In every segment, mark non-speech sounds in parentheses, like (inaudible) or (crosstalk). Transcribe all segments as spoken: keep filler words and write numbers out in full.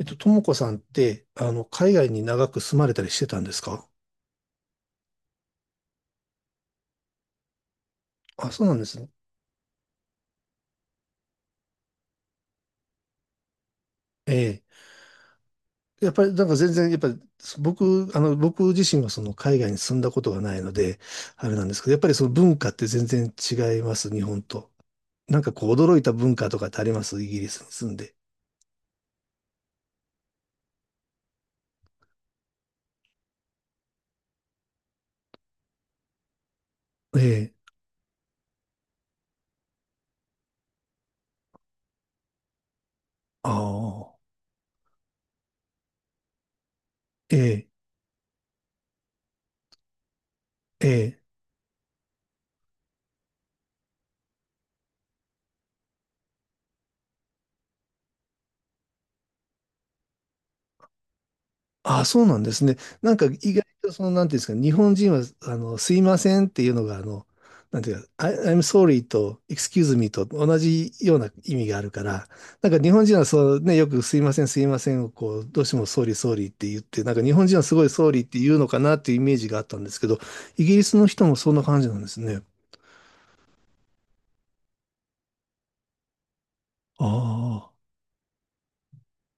えっと、ともこさんって、あの、海外に長く住まれたりしてたんですか？あ、そうなんですね。ええ。やっぱり、なんか全然、やっぱり、僕、あの、僕自身はその海外に住んだことがないので、あれなんですけど、やっぱりその文化って全然違います、日本と。なんかこう、驚いた文化とかってありますイギリスに住んで？ええ。ああ。ええ。えあ、そうなんですね。なんか意外とその、なんていうんですか、日本人は、あの、すいませんっていうのが、あの、なんていうか、I, I'm sorry と excuse me と同じような意味があるから、なんか日本人はそうね、よくすいません、すいませんをこう、どうしても sorry, sorry って言って、なんか日本人はすごい sorry って言うのかなっていうイメージがあったんですけど、イギリスの人もそんな感じなんですね。あ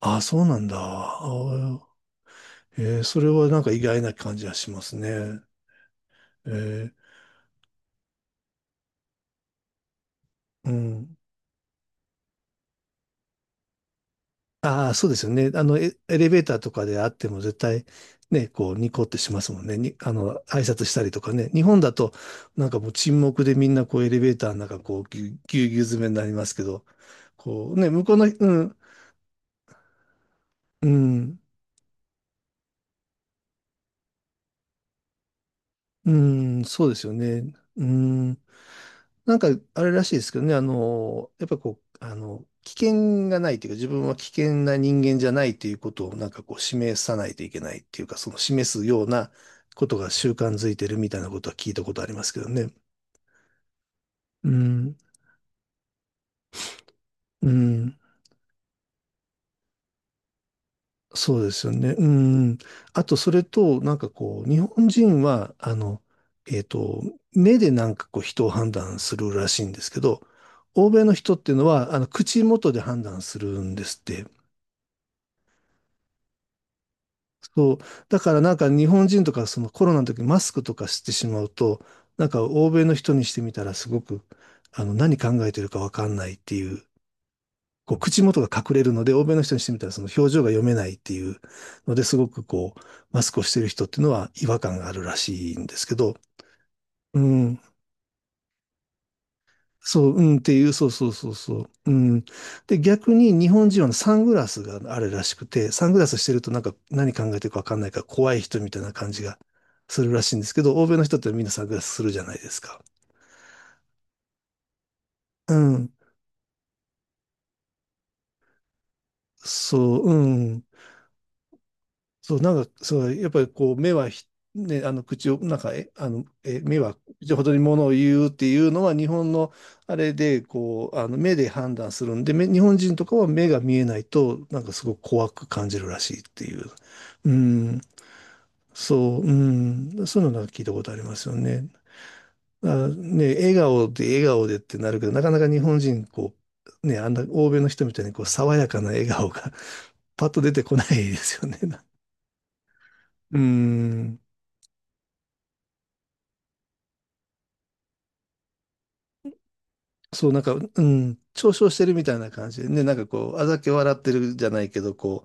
あ、あ、そうなんだ。あー。えーそれはなんか意外な感じがしますね。えーうん。ああ、そうですよね。あの、エエレベーターとかであっても絶対、ね、こう、ニコってしますもんね。に、あの、挨拶したりとかね。日本だと、なんかもう沈黙でみんなこう、エレベーターの中、こう、ぎゅ、ぎゅうぎゅう詰めになりますけど、こう、ね、向こうの、うん、うん。うーん、そうですよね。うーん。なんか、あれらしいですけどね、あの、やっぱこう、あの、危険がないというか、自分は危険な人間じゃないということを、なんかこう、示さないといけないっていうか、その示すようなことが習慣づいてるみたいなことは聞いたことありますけどね。うん、うん。そうですよね。うん。あと、それと、なんかこう、日本人は、あの、えっと、目でなんかこう、人を判断するらしいんですけど、欧米の人っていうのは、あの、口元で判断するんですって。そう。だからなんか日本人とか、そのコロナの時にマスクとかしてしまうと、なんか欧米の人にしてみたら、すごく、あの、何考えてるかわかんないっていう、こう口元が隠れるので、欧米の人にしてみたらその表情が読めないっていうのですごくこう、マスクをしている人っていうのは違和感があるらしいんですけど、うん、そう、うんっていう、そうそうそうそう、うん。で、逆に日本人はサングラスがあるらしくて、サングラスしてるとなんか何考えてるかわかんないから怖い人みたいな感じがするらしいんですけど、欧米の人ってみんなサングラスするじゃないですか。うん。そう、うん。そう、なんか、そう、やっぱりこう、目はひ、ね、あの、口を、なんか、え、あの、え、目は口ほどにものを言うっていうのは、日本のあれで、こう、あの、目で判断するんで、目日本人とかは目が見えないと、なんかすごく怖く感じるらしいっていう。うん、そう、うん、そういうのなんか聞いたことありますよね。あ、ね、笑顔で笑顔でってなるけど、なかなか日本人、こう、ね、あんな欧米の人みたいに、こう、爽やかな笑顔が (laughs) パッと出てこないですよね。(laughs) うん。そう、なんか、うん、嘲笑してるみたいな感じでね、なんかこう、あざけ笑ってるじゃないけど、こ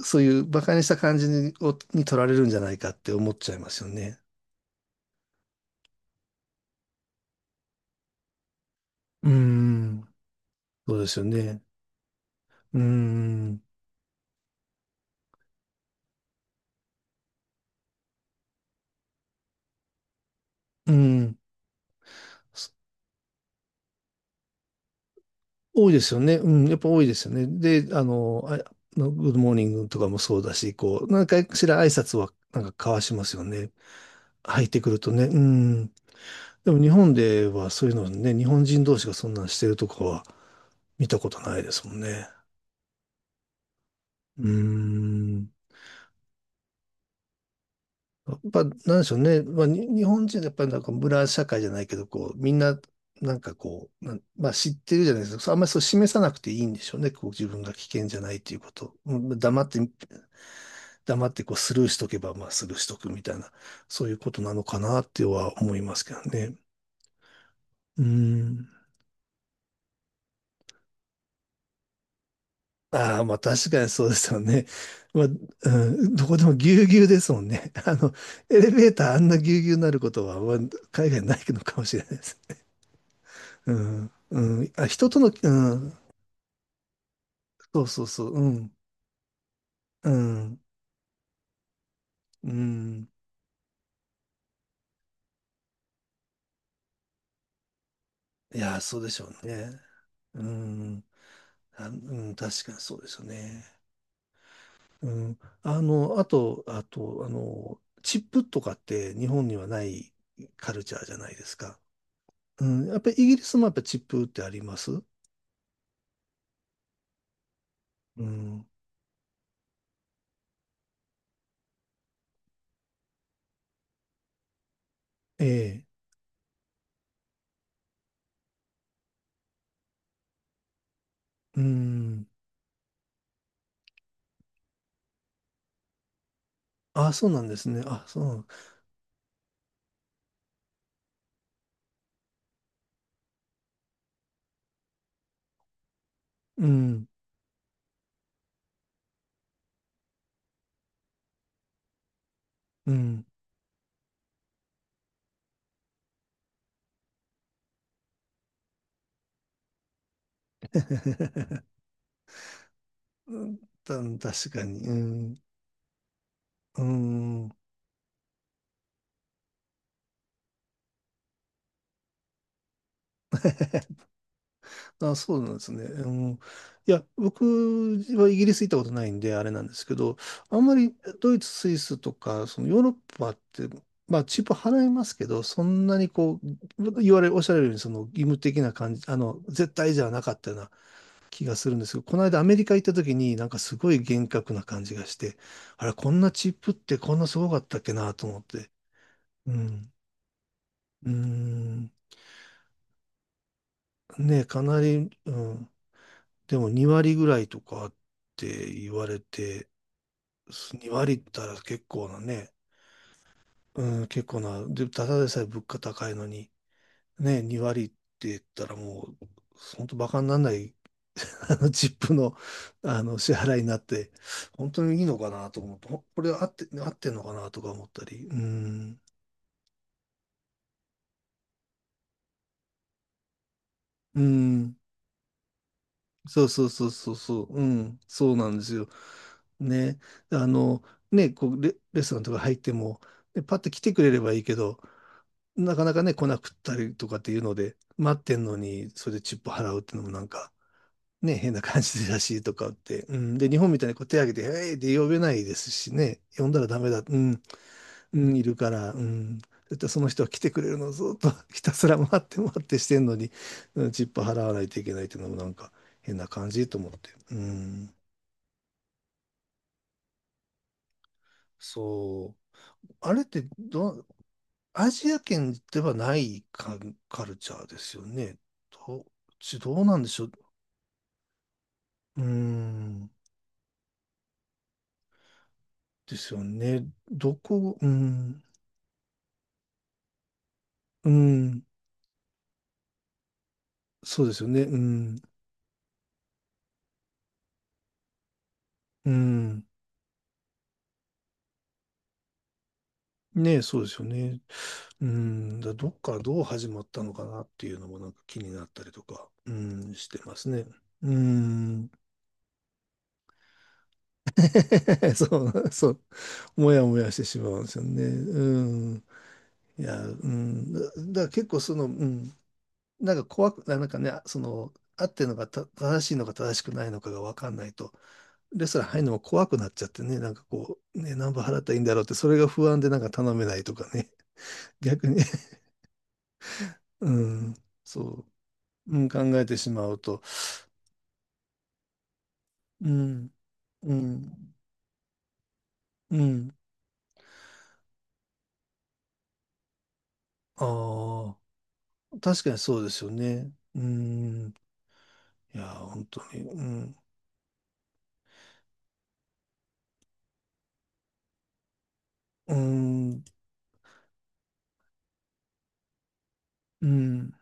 う、そういう馬鹿にした感じに、をに取られるんじゃないかって思っちゃいますよね。うーん。そうですよね。うーん、うん、そ多いですよね。うん、やっぱ多いですよね。で、あの、あ、あのグッドモーニングとかもそうだし、こう、何回かしら挨拶はなんか交わしますよね。入ってくるとね。うん。でも日本ではそういうのね、日本人同士がそんなんしてるとこは見たことないですもんね。うーん。やっぱ、なんでしょうね。まあ、に日本人はやっぱりなんか村社会じゃないけど、こう、みんな、なんかこう、なんまあ知ってるじゃないですか。あんまりそう示さなくていいんでしょうね。こう自分が危険じゃないっていうこと。うん黙って、黙って、こうスルーしとけば、まあスルーしとくみたいな、そういうことなのかなっては思いますけどね。うーん。ああ、まあ確かにそうですよね。まあ、うん、どこでもぎゅうぎゅうですもんね。(laughs) あの、エレベーターあんなぎゅうぎゅうになることは、まあ海外ないのかもしれないです。(laughs) うん、うん、あ、人との、うん、そうそうそう、うん、うん、うん。いやそうでしょうね。うん、あ、うん、確かにそうですよね。うん、あの、あと、あと、あの、チップとかって日本にはないカルチャーじゃないですか。うん、やっぱりイギリスもやっぱチップってあります？うん、ええ、うん。あ、そうなんですね。あ、そう。うん、うん。(laughs) うんた確かに。うん。うん。あ、そうなんですね。うん。いや、僕はイギリス行ったことないんで、あれなんですけど、あんまりドイツ、スイスとか、そのヨーロッパって、まあ、チップ払いますけど、そんなにこう、言われ、おっしゃられるように、その義務的な感じ、あの、絶対じゃなかったような気がするんですけど、この間アメリカ行った時になんかすごい厳格な感じがして、あれ、こんなチップってこんなすごかったっけなと思って。うん。うーん。ねえ、かなり、うん。でもに割ぐらいとかって言われて、に割ったら結構なね、うん、結構な、で、ただでさえ物価高いのに、ね、に割って言ったらもう、本当バカにならない (laughs) あの、チップの、あの、支払いになって、本当にいいのかなと思って、ほこれ合って、合ってんのかなとか思ったり、うん、うん、そうそうそうそうそう、うん、そうなんですよ。ね、あの、ね、こうレ、レストランとか入っても、ねパッと来てくれればいいけど、なかなかね、来なくったりとかっていうので、待ってんのに、それでチップ払うっていうのもなんか、ね、変な感じらしいとかって、うん、で、日本みたいにこう手挙げて、えいって呼べないですしね、呼んだらダメだ、うん、うん、いるから、うん。だってその人は来てくれるのをずっと (laughs) ひたすら待って待ってしてんのに、うん、チップ払わないといけないっていうのもなんか変な感じと思って。うん。そう。あれってど、アジア圏ではないカ、カルチャーですよね。ど、ちどうなんでしょう。うん。ですよね。どこ、うん。うん。そうですよね。うん。うん。ねえ、そうですよね。うん、だどっからどう始まったのかなっていうのもなんか気になったりとか、うん、してますね。うん。(laughs) そう、そう。もやもやしてしまうんですよね。うん。いや、うん。だ、だから結構その、うん。なんか怖く、なんかね、その、合ってるのがた正しいのか正しくないのかが分かんないと、レストラン入るのも怖くなっちゃってね、なんかこう、ね、何分払ったらいいんだろうって、それが不安でなんか頼めないとかね、(laughs) 逆に、(laughs) うん、そう、うん、考えてしまうと、うん、うん、うん。ああ、確かにそうですよね。うん。いや本当に。うん、うん、うん。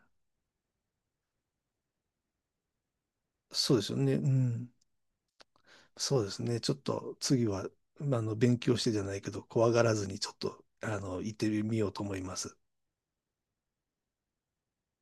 そうですよね。うん。そうですね。ちょっと次は、まああの、勉強してじゃないけど、怖がらずにちょっと、あの、行ってみようと思います。